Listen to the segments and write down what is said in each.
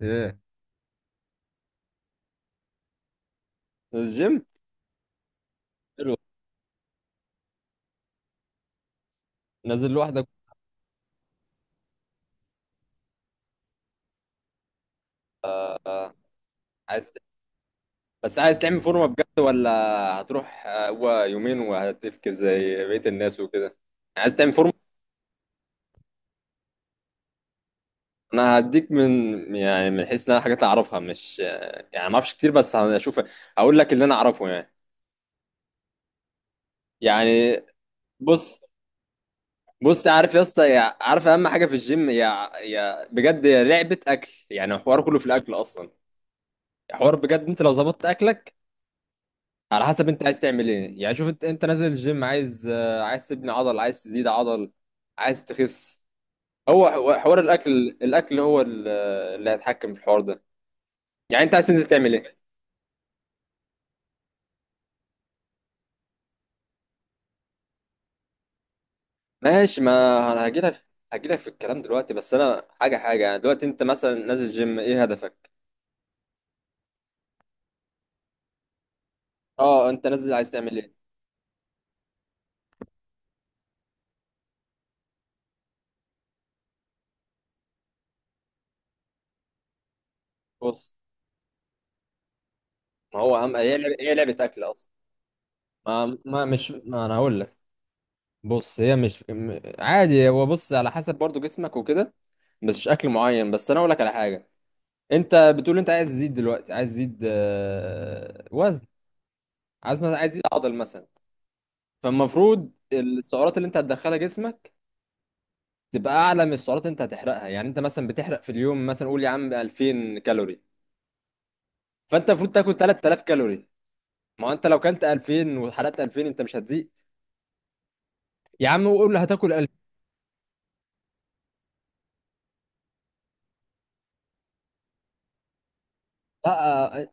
ايه؟ الجيم؟ حلو. نازل لوحدك؟ آه، عايز ت- بس عايز تعمل فورمه بجد ولا هتروح؟ هو يومين وهتفكس زي بقيه الناس وكده. عايز تعمل فورمه. انا هديك من، يعني من حيث ان انا حاجات اعرفها، مش يعني ما اعرفش كتير بس هشوف اقول لك اللي انا اعرفه يعني. يعني بص. عارف يا اسطى، عارف اهم حاجه في الجيم، يا بجد، يا لعبه اكل. يعني الحوار كله في الاكل اصلا، حوار بجد. انت لو ظبطت اكلك على حسب انت عايز تعمل ايه، يعني شوف انت، نازل الجيم عايز عايز تبني عضل، عايز تزيد عضل، عايز تخس؟ هو حوار الاكل، الاكل هو اللي هيتحكم في الحوار ده. يعني انت عايز تنزل تعمل ايه؟ ماشي، ما انا هجيلك. هجيلك في الكلام دلوقتي، بس انا حاجه يعني، دلوقتي انت مثلا نازل جيم، ايه هدفك؟ اه، انت نازل عايز تعمل ايه؟ بص، ما هو اهم، هي لعبه، هي لعبه اكل اصلا. ما ما مش ما انا هقول لك. بص، هي مش عادي، هو بص على حسب برضو جسمك وكده، بس مش اكل معين. بس انا اقول لك على حاجه. انت بتقول انت عايز تزيد، دلوقتي عايز تزيد وزن، عايز مثلا عايز تزيد عضل مثلا. فالمفروض السعرات اللي انت هتدخلها جسمك تبقى اعلى من السعرات اللي انت هتحرقها. يعني انت مثلا بتحرق في اليوم مثلا، قول يا عم 2000 كالوري، فانت المفروض تاكل 3000 كالوري. ما هو انت لو كلت 2000 وحرقت 2000 انت مش هتزيد. يا عم قول هتاكل 2000. لا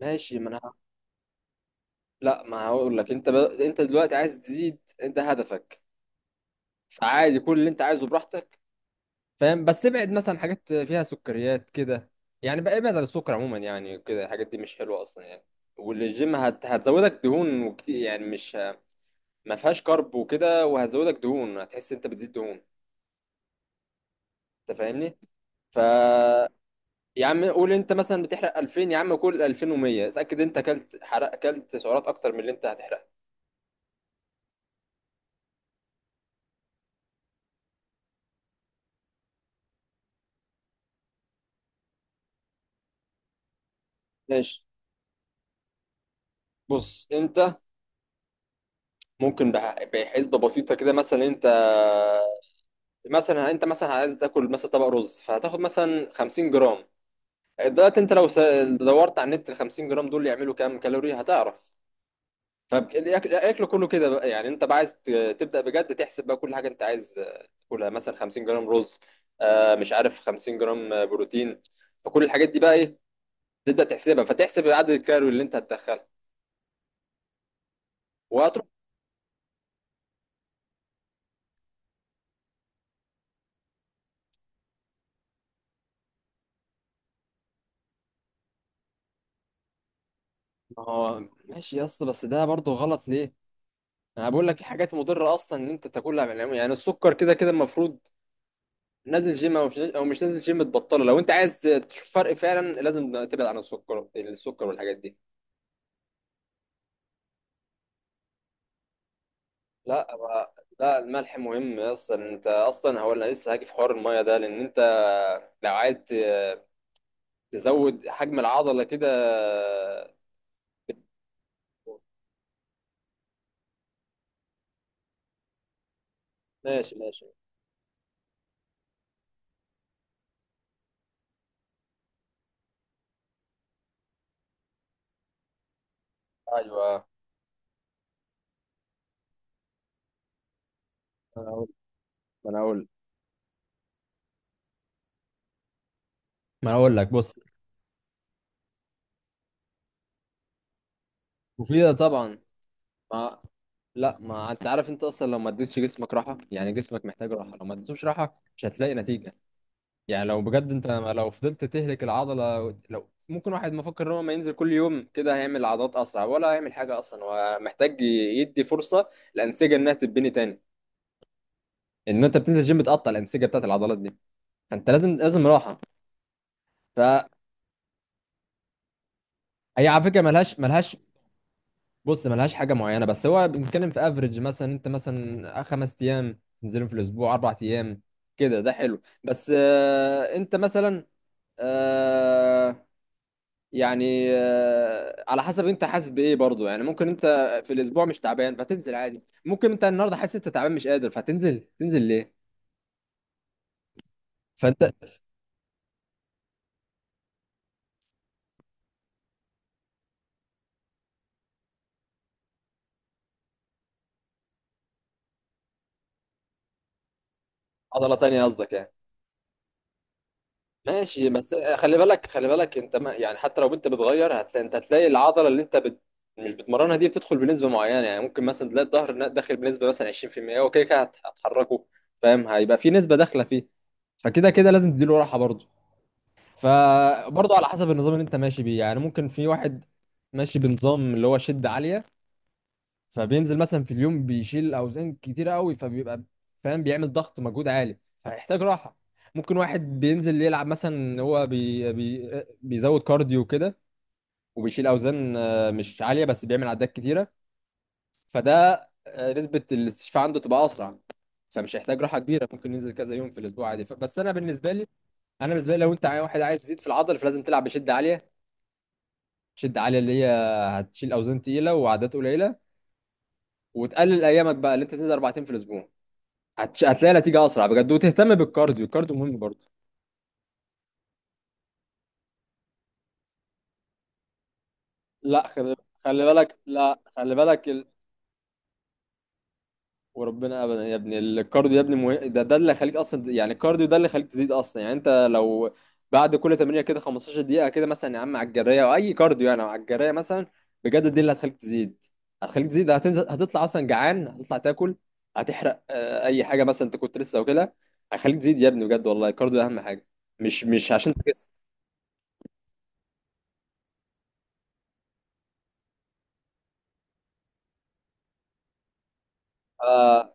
ماشي. ما انا لا ما هقول لك. انت انت دلوقتي عايز تزيد، انت هدفك، فعادي كل اللي انت عايزه براحتك، فاهم؟ بس ابعد مثلا حاجات فيها سكريات كده، يعني بقى ابعد عن السكر عموما. يعني كده الحاجات دي مش حلوه اصلا يعني، والجيم هتزودك دهون، وكتير يعني، مش ما فيهاش كارب وكده، وهتزودك دهون، هتحس انت بتزيد دهون، انت فاهمني؟ ف يا عم قول انت مثلا بتحرق 2000، يا عم كل 2100، اتاكد انت اكلت سعرات اكتر من اللي انت هتحرقها. ماشي، بص، انت ممكن بحسبه بسيطه كده. مثلا انت، مثلا عايز تاكل مثلا طبق رز، فهتاخد مثلا 50 جرام. دلوقتي انت دورت على النت ال 50 جرام دول يعملوا كام كالوري هتعرف. فالاكل كله كده بقى، يعني انت بقى عايز تبدا بجد تحسب بقى كل حاجه انت عايز تاكلها، مثلا 50 جرام رز، مش عارف، 50 جرام بروتين، فكل الحاجات دي بقى ايه؟ تبدا تحسبها، فتحسب عدد الكالوري اللي انت هتدخلها وهتروح. ما هو ماشي يا اسطى، بس ده برضه غلط ليه؟ انا بقول لك في حاجات مضره اصلا ان انت تاكلها، يعني السكر كده كده المفروض، نازل جيم او مش، نازل جيم تبطله. لو انت عايز تشوف فرق فعلا لازم تبعد عن السكر، السكر والحاجات دي. لا بقى، لا الملح مهم اصلا. انت اصلا هو انا لسه هاجي في حوار الميه ده، لان انت لو عايز تزود حجم العضله كده. ماشي ماشي، ايوه ما انا اقول ما انا اقول ما انا اقول لك. بص، مفيده طبعا. ما لا، ما انت عارف انت اصلا لو ما اديتش جسمك راحه. يعني جسمك محتاج راحه، لو ما اديتوش راحه مش هتلاقي نتيجه. يعني لو بجد انت لو فضلت تهلك العضله، لو ممكن واحد مفكر ان هو ما ينزل كل يوم كده هيعمل عضلات اسرع، ولا هيعمل حاجه اصلا؟ هو محتاج يدي فرصه الانسجه انها تتبني تاني، ان انت بتنزل جيم بتقطع الانسجه بتاعت العضلات دي، فانت لازم راحه. فهي على فكره ملهاش. بص، ملهاش حاجه معينه، بس هو بنتكلم في افريج. مثلا انت مثلا خمس ايام تنزلهم في الاسبوع، اربع ايام كده ده حلو. بس آه انت مثلا آه، يعني على حسب انت حاسس بايه برضو. يعني ممكن انت في الاسبوع مش تعبان فتنزل عادي. ممكن انت النهارده حاسس انت تعبان مش قادر فتنزل، تنزل ليه؟ فانت عضله تانية قصدك يعني؟ ماشي، بس خلي بالك، انت، ما يعني حتى لو انت بتغير هتلاقي، هتلاقي العضله اللي انت مش بتمرنها دي بتدخل بنسبه معينه. يعني ممكن مثلا تلاقي الظهر داخل بنسبه مثلا 20%. اوكي، كده كده هتحركه، فاهم؟ هيبقى في نسبه داخله فيه، فكده كده لازم تديله راحه برضو. فبرضه على حسب النظام اللي انت ماشي بيه. يعني ممكن في واحد ماشي بنظام اللي هو شدة عالية، فبينزل مثلا في اليوم بيشيل اوزان كتيرة قوي، فبيبقى فاهم بيعمل ضغط مجهود عالي، فيحتاج راحة. ممكن واحد بينزل يلعب مثلا إن هو بي بيزود كارديو كده، وبيشيل اوزان مش عالية بس بيعمل عدات كتيرة، فده نسبة الاستشفاء عنده تبقى اسرع، فمش هيحتاج راحة كبيرة، ممكن ينزل كذا يوم في الاسبوع عادي، بس انا بالنسبة لي، بالنسبة لي، لو انت واحد عايز يزيد في العضل فلازم تلعب بشدة عالية. شد عالية اللي هي هتشيل أوزان تقيلة وعدات قليلة، وتقلل أيامك بقى، اللي أنت تنزل أربع أيام في الأسبوع هتلاقي نتيجة أسرع بجد. وتهتم بالكارديو، الكارديو مهم برضه. لا خلي، خلي بالك لا خلي بالك، وربنا ابدا يا ابني، الكارديو يا ابني مه... ده ده اللي خليك اصلا. يعني الكارديو ده اللي خليك تزيد اصلا. يعني انت لو بعد كل تمرينه كده 15 دقيقه كده مثلا يا عم على الجريه، او اي كارديو يعني، على الجريه مثلا، بجد دي اللي هتخليك تزيد. هتخليك تزيد، هتنزل هتطلع اصلا جعان، هتطلع تاكل، هتحرق اي حاجه مثلا انت كنت لسه واكلها، هيخليك تزيد يا ابني بجد، والله الكارديو اهم حاجه، مش مش عشان تخس. آه،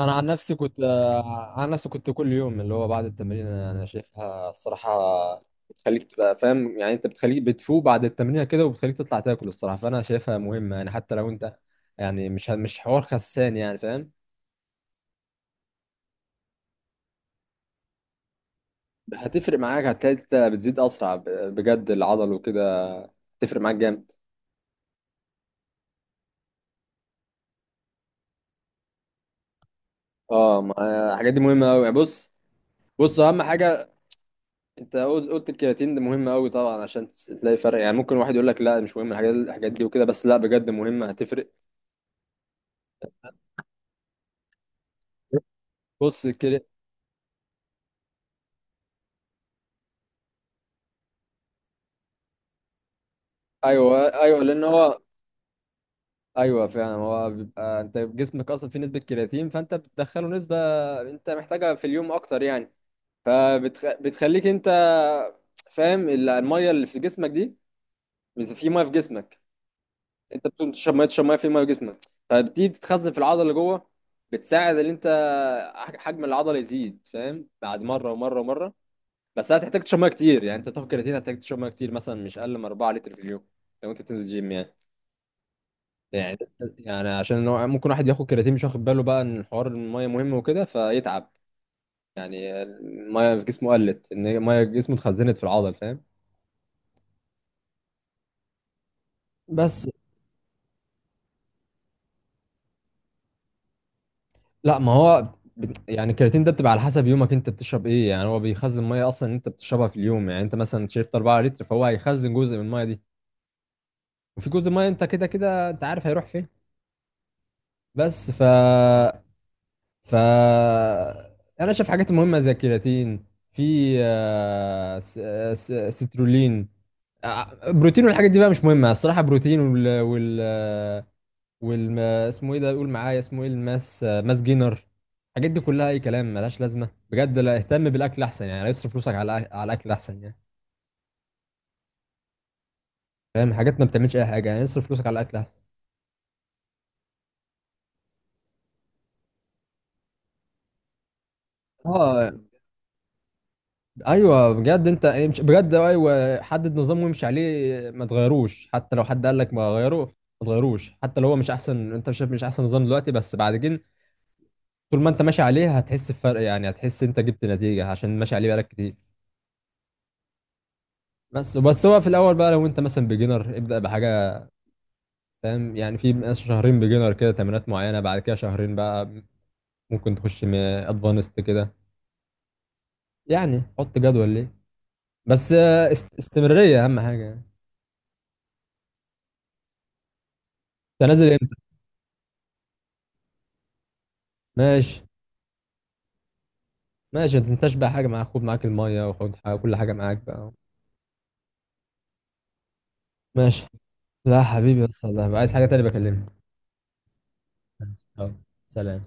انا عن نفسي كنت، عن نفسي كنت كل يوم، اللي هو بعد التمرين، أنا شايفها الصراحه بتخليك تبقى فاهم يعني، انت بتخليك بتفوق بعد التمرين كده، وبتخليك تطلع تاكل الصراحه، فانا شايفها مهمه. يعني حتى لو انت، يعني مش مش حوار خسان يعني فاهم. هتفرق معاك، هتلاقي انت بتزيد اسرع بجد العضل وكده، تفرق معاك جامد. اه الحاجات دي مهمه قوي. بص، بص اهم حاجه، انت قلت الكرياتين ده مهم قوي طبعا، عشان تلاقي فرق. يعني ممكن واحد يقول لك لا مش مهم الحاجات، دي وكده، بس لا بجد مهمه هتفرق. بص ايوه ايوه لان هو ايوه فعلا. هو بيبقى انت جسمك اصلا فيه نسبه كرياتين، فانت بتدخله نسبه انت محتاجها في اليوم اكتر يعني، فبتخليك انت فاهم الميه اللي في جسمك دي في ميه في جسمك، انت بتقوم تشرب ميه، تشرب ميه، في ميه في جسمك فبتيجي تتخزن في العضله اللي جوه، بتساعد ان انت حجم العضله يزيد فاهم، بعد مره ومره ومره. بس هتحتاج تشرب ميه كتير، يعني انت تاخد كرياتين هتحتاج تشرب ميه كتير مثلا مش اقل من 4 لتر في اليوم، لو انت بتنزل جيم يعني. يعني عشان هو ممكن واحد ياخد كرياتين مش واخد باله بقى ان حوار الميه مهم وكده فيتعب. يعني الميه في جسمه قلت، ان الميه في جسمه اتخزنت في العضل فاهم؟ بس لا، ما هو يعني الكرياتين ده بتبقى على حسب يومك انت بتشرب ايه. يعني هو بيخزن ميه اصلا انت بتشربها في اليوم. يعني انت مثلا شربت 4 لتر، فهو هيخزن جزء من الميه دي، وفي جزء ميه انت كده كده انت عارف هيروح فين. بس ف ف انا شايف حاجات مهمه زي الكرياتين، في سترولين، بروتين، والحاجات دي بقى مش مهمه الصراحه. بروتين وال وال وال اسمه ايه ده؟ قول معايا اسمه ايه؟ الماس، ماس جينر، الحاجات دي كلها اي كلام ملهاش لازمه بجد. لا اهتم بالاكل احسن يعني، اصرف فلوسك على على الاكل احسن يعني. فاهم، حاجات ما بتعملش اي حاجه يعني، اصرف فلوسك على الاكل احسن. اه، ايوه بجد انت، مش بجد، ايوه حدد نظام وامشي عليه، ما تغيروش حتى لو حد قال لك ما غيروه، ما تغيروش حتى لو هو مش احسن. انت شايف مش احسن نظام دلوقتي، بس بعد كده طول ما انت ماشي عليه هتحس بفرق. يعني هتحس انت جبت نتيجة عشان ماشي عليه بقالك كتير. بس هو في الاول بقى، لو انت مثلا بيجنر، ابدأ بحاجة فاهم. يعني في ناس شهرين بيجنر كده، تمرينات معينة، بعد كده شهرين بقى ممكن تخش ادفانست كده، يعني حط جدول ليه. بس استمرارية اهم حاجة. انت نازل امتى؟ ماشي ماشي، ما تنساش بقى حاجة معاك، خد معاك المية، وخد حاجة، كل حاجة معاك بقى. ماشي. لا حبيبي، بس الله عايز حاجة تانية بكلمك. ماشي، يلا، سلام.